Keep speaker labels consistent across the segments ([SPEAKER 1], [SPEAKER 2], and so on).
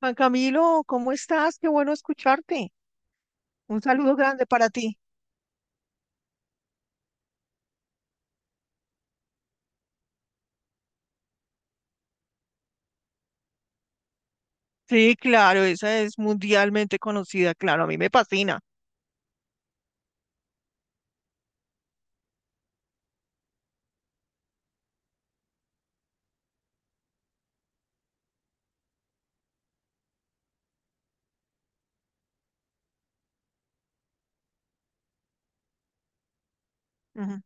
[SPEAKER 1] Juan Camilo, ¿cómo estás? Qué bueno escucharte. Un saludo grande para ti. Sí, claro, esa es mundialmente conocida, claro, a mí me fascina. Ujú.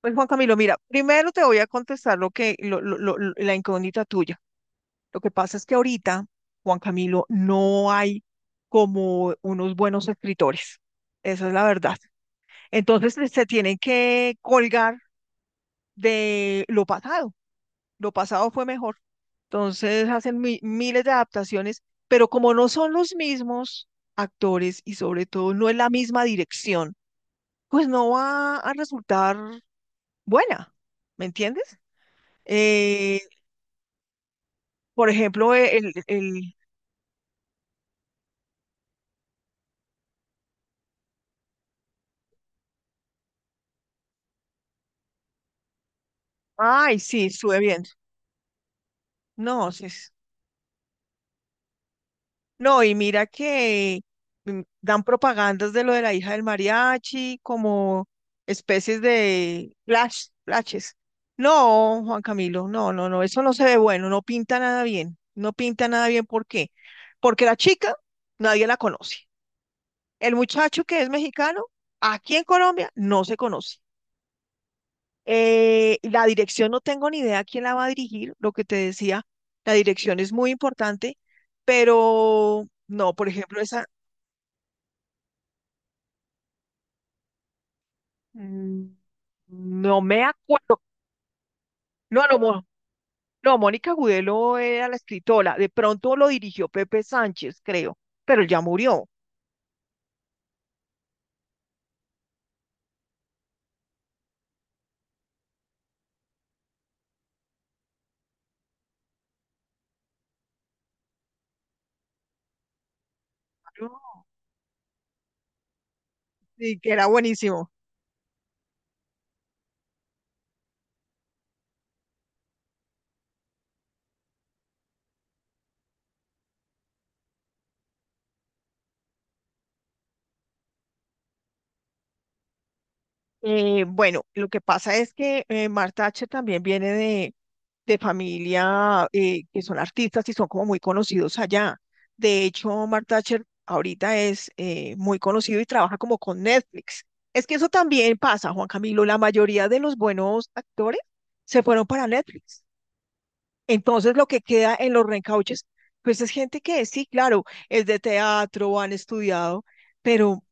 [SPEAKER 1] Pues Juan Camilo, mira, primero te voy a contestar lo que lo- la incógnita tuya. Lo que pasa es que ahorita, Juan Camilo, no hay como unos buenos escritores. Esa es la verdad. Entonces se tienen que colgar de lo pasado. Lo pasado fue mejor. Entonces hacen miles de adaptaciones, pero como no son los mismos actores y sobre todo no es la misma dirección, pues no va a resultar buena, ¿me entiendes? Eh, por ejemplo, el... Ay, sí, estuve viendo. No, sí, no, y mira que dan propagandas de lo de la hija del mariachi, como especies de flash, flashes. No, Juan Camilo, no, no, no, eso no se ve bueno, no pinta nada bien, no pinta nada bien, ¿por qué? Porque la chica nadie la conoce. El muchacho que es mexicano, aquí en Colombia, no se conoce. La dirección no tengo ni idea quién la va a dirigir, lo que te decía, la dirección es muy importante, pero no, por ejemplo, esa... Mm, no me acuerdo. No, no, Mo- no, Mónica Gudelo era la escritora. De pronto lo dirigió Pepe Sánchez, creo, pero él ya murió. Claro. Sí, que era buenísimo. Bueno, lo que pasa es que Marta Thatcher también viene de familia que son artistas y son como muy conocidos allá. De hecho, Mark Thatcher ahorita es muy conocido y trabaja como con Netflix. Es que eso también pasa, Juan Camilo. La mayoría de los buenos actores se fueron para Netflix. Entonces, lo que queda en los reencauches, pues es gente que sí, claro, es de teatro, han estudiado, pero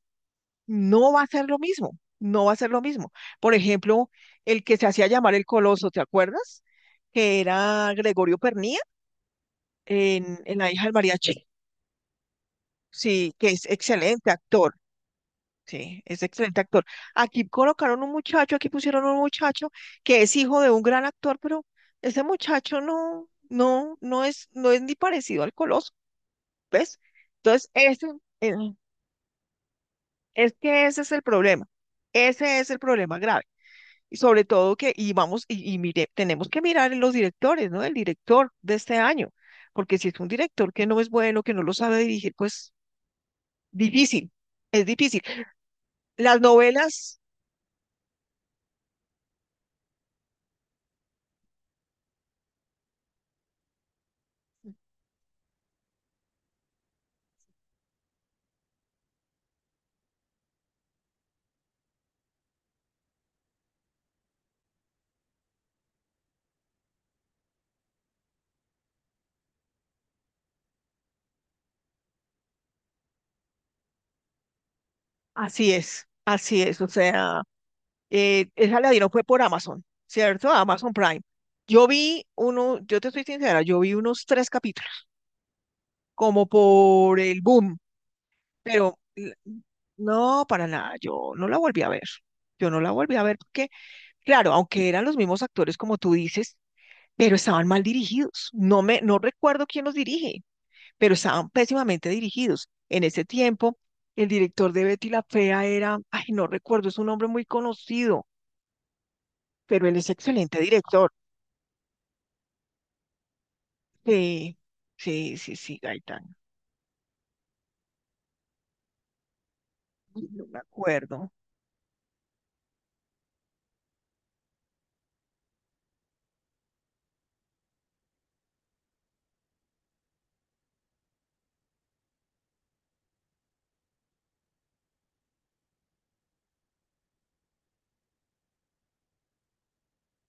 [SPEAKER 1] no va a ser lo mismo, no va a ser lo mismo. Por ejemplo, el que se hacía llamar el Coloso, ¿te acuerdas? Que era Gregorio Pernía en La hija del mariachi. Sí, que es excelente actor. Sí, es excelente actor. Aquí colocaron un muchacho, aquí pusieron un muchacho que es hijo de un gran actor, pero ese muchacho no, no, no es, no es ni parecido al Coloso, ¿ves? Entonces, ese, eh, es que ese es el problema. Ese es el problema grave. Y sobre todo que, y vamos, y mire, tenemos que mirar en los directores, ¿no? El director de este año, porque si es un director que no es bueno, que no lo sabe dirigir, pues difícil, es difícil. Las novelas, así es, o sea, esa la dieron fue por Amazon, ¿cierto? Amazon Prime. Yo vi uno, yo te estoy sincera, yo vi unos tres capítulos, como por el boom, pero no, para nada, yo no la volví a ver. Yo no la volví a ver porque claro, aunque eran los mismos actores como tú dices, pero estaban mal dirigidos. No me, no recuerdo quién los dirige, pero estaban pésimamente dirigidos. En ese tiempo, el director de Betty la Fea era, ay, no recuerdo, es un hombre muy conocido, pero él es excelente director. Sí, sí, sí, sí, Gaitán. Ay, no me acuerdo.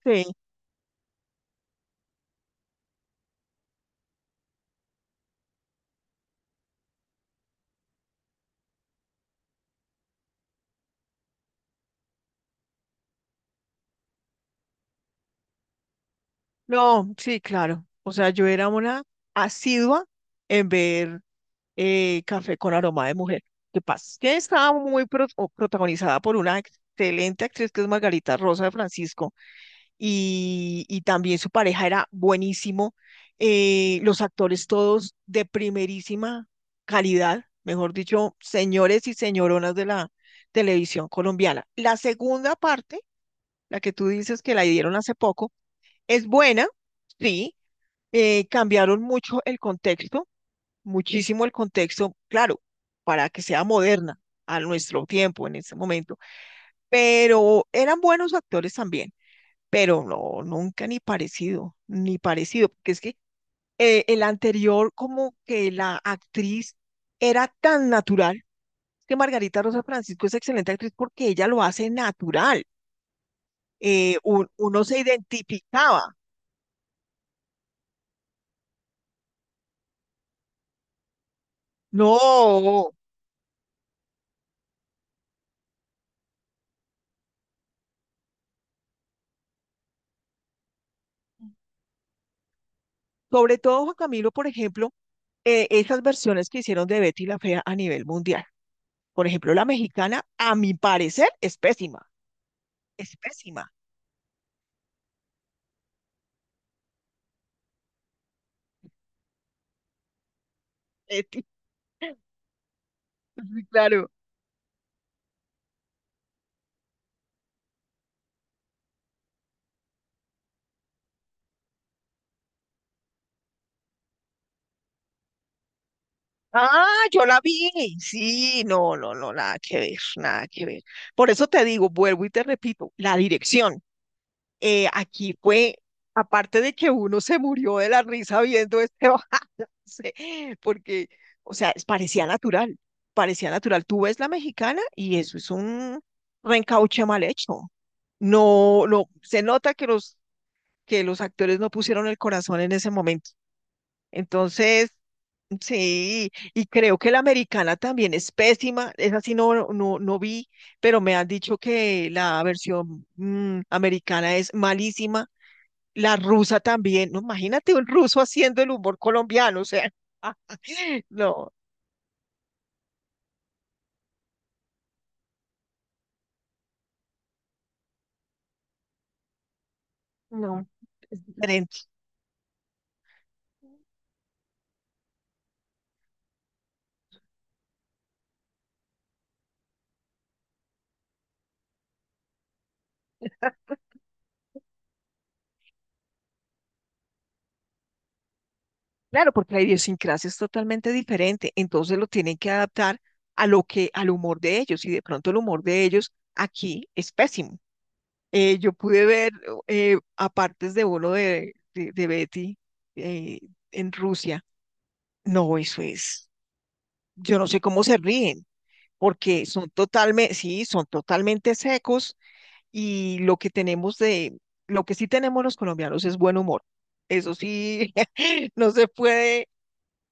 [SPEAKER 1] Sí, no, sí, claro. O sea, yo era una asidua en ver Café con aroma de mujer. ¿Qué pasa? Que estaba muy pro- o protagonizada por una excelente actriz que es Margarita Rosa de Francisco y también su pareja era buenísimo. Los actores todos de primerísima calidad, mejor dicho, señores y señoronas de la televisión colombiana. La segunda parte, la que tú dices que la dieron hace poco, es buena, sí, cambiaron mucho el contexto, muchísimo el contexto, claro, para que sea moderna a nuestro tiempo en ese momento, pero eran buenos actores también, pero no, nunca ni parecido, ni parecido, porque es que el anterior como que la actriz era tan natural, que Margarita Rosa Francisco es excelente actriz porque ella lo hace natural, uno se identificaba, no, sobre todo Juan Camilo, por ejemplo, esas versiones que hicieron de Betty la Fea a nivel mundial. Por ejemplo, la mexicana, a mi parecer, es pésima, es pésima. Leti. Sí, claro. Ah, yo la vi. Sí, no, no, no, nada que ver, nada que ver. Por eso te digo, vuelvo y te repito, la dirección. Aquí fue, aparte de que uno se murió de la risa viendo este balance, porque, o sea, parecía natural, parecía natural. Tú ves la mexicana y eso es un reencauche mal hecho. No, no, se nota que los actores no pusieron el corazón en ese momento. Entonces, sí, y creo que la americana también es pésima, esa sí no, no, no vi, pero me han dicho que la versión americana es malísima. La rusa también, no, imagínate un ruso haciendo el humor colombiano, o sea, no, no, es diferente. Claro, porque la idiosincrasia es totalmente diferente, entonces lo tienen que adaptar a lo que, al humor de ellos, y de pronto el humor de ellos aquí es pésimo. Yo pude ver a partes de bolo de Betty eh, en Rusia. No, eso es. Yo no sé cómo se ríen, porque son totalmente, sí, son totalmente secos y lo que tenemos de, lo que sí tenemos los colombianos es buen humor. Eso sí, no se puede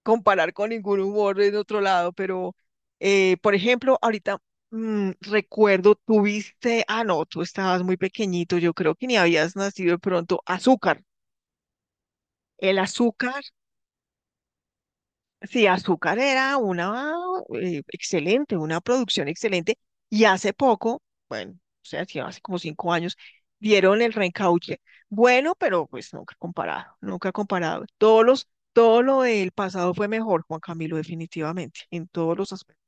[SPEAKER 1] comparar con ningún humor de otro lado, pero, por ejemplo, ahorita recuerdo, tuviste, ah, no, tú estabas muy pequeñito, yo creo que ni habías nacido de pronto, azúcar. El azúcar, sí, azúcar era una excelente, una producción excelente, y hace poco, bueno, o sea, sí, hace como 5 años, dieron el reencauche. Bueno, pero pues nunca comparado, nunca comparado. Todos los todo lo del pasado fue mejor, Juan Camilo, definitivamente, en todos los aspectos.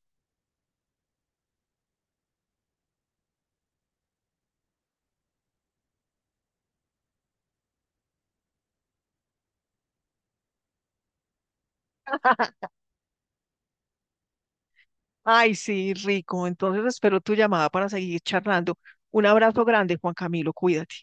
[SPEAKER 1] Ay, sí, rico. Entonces espero tu llamada para seguir charlando. Un abrazo grande, Juan Camilo. Cuídate.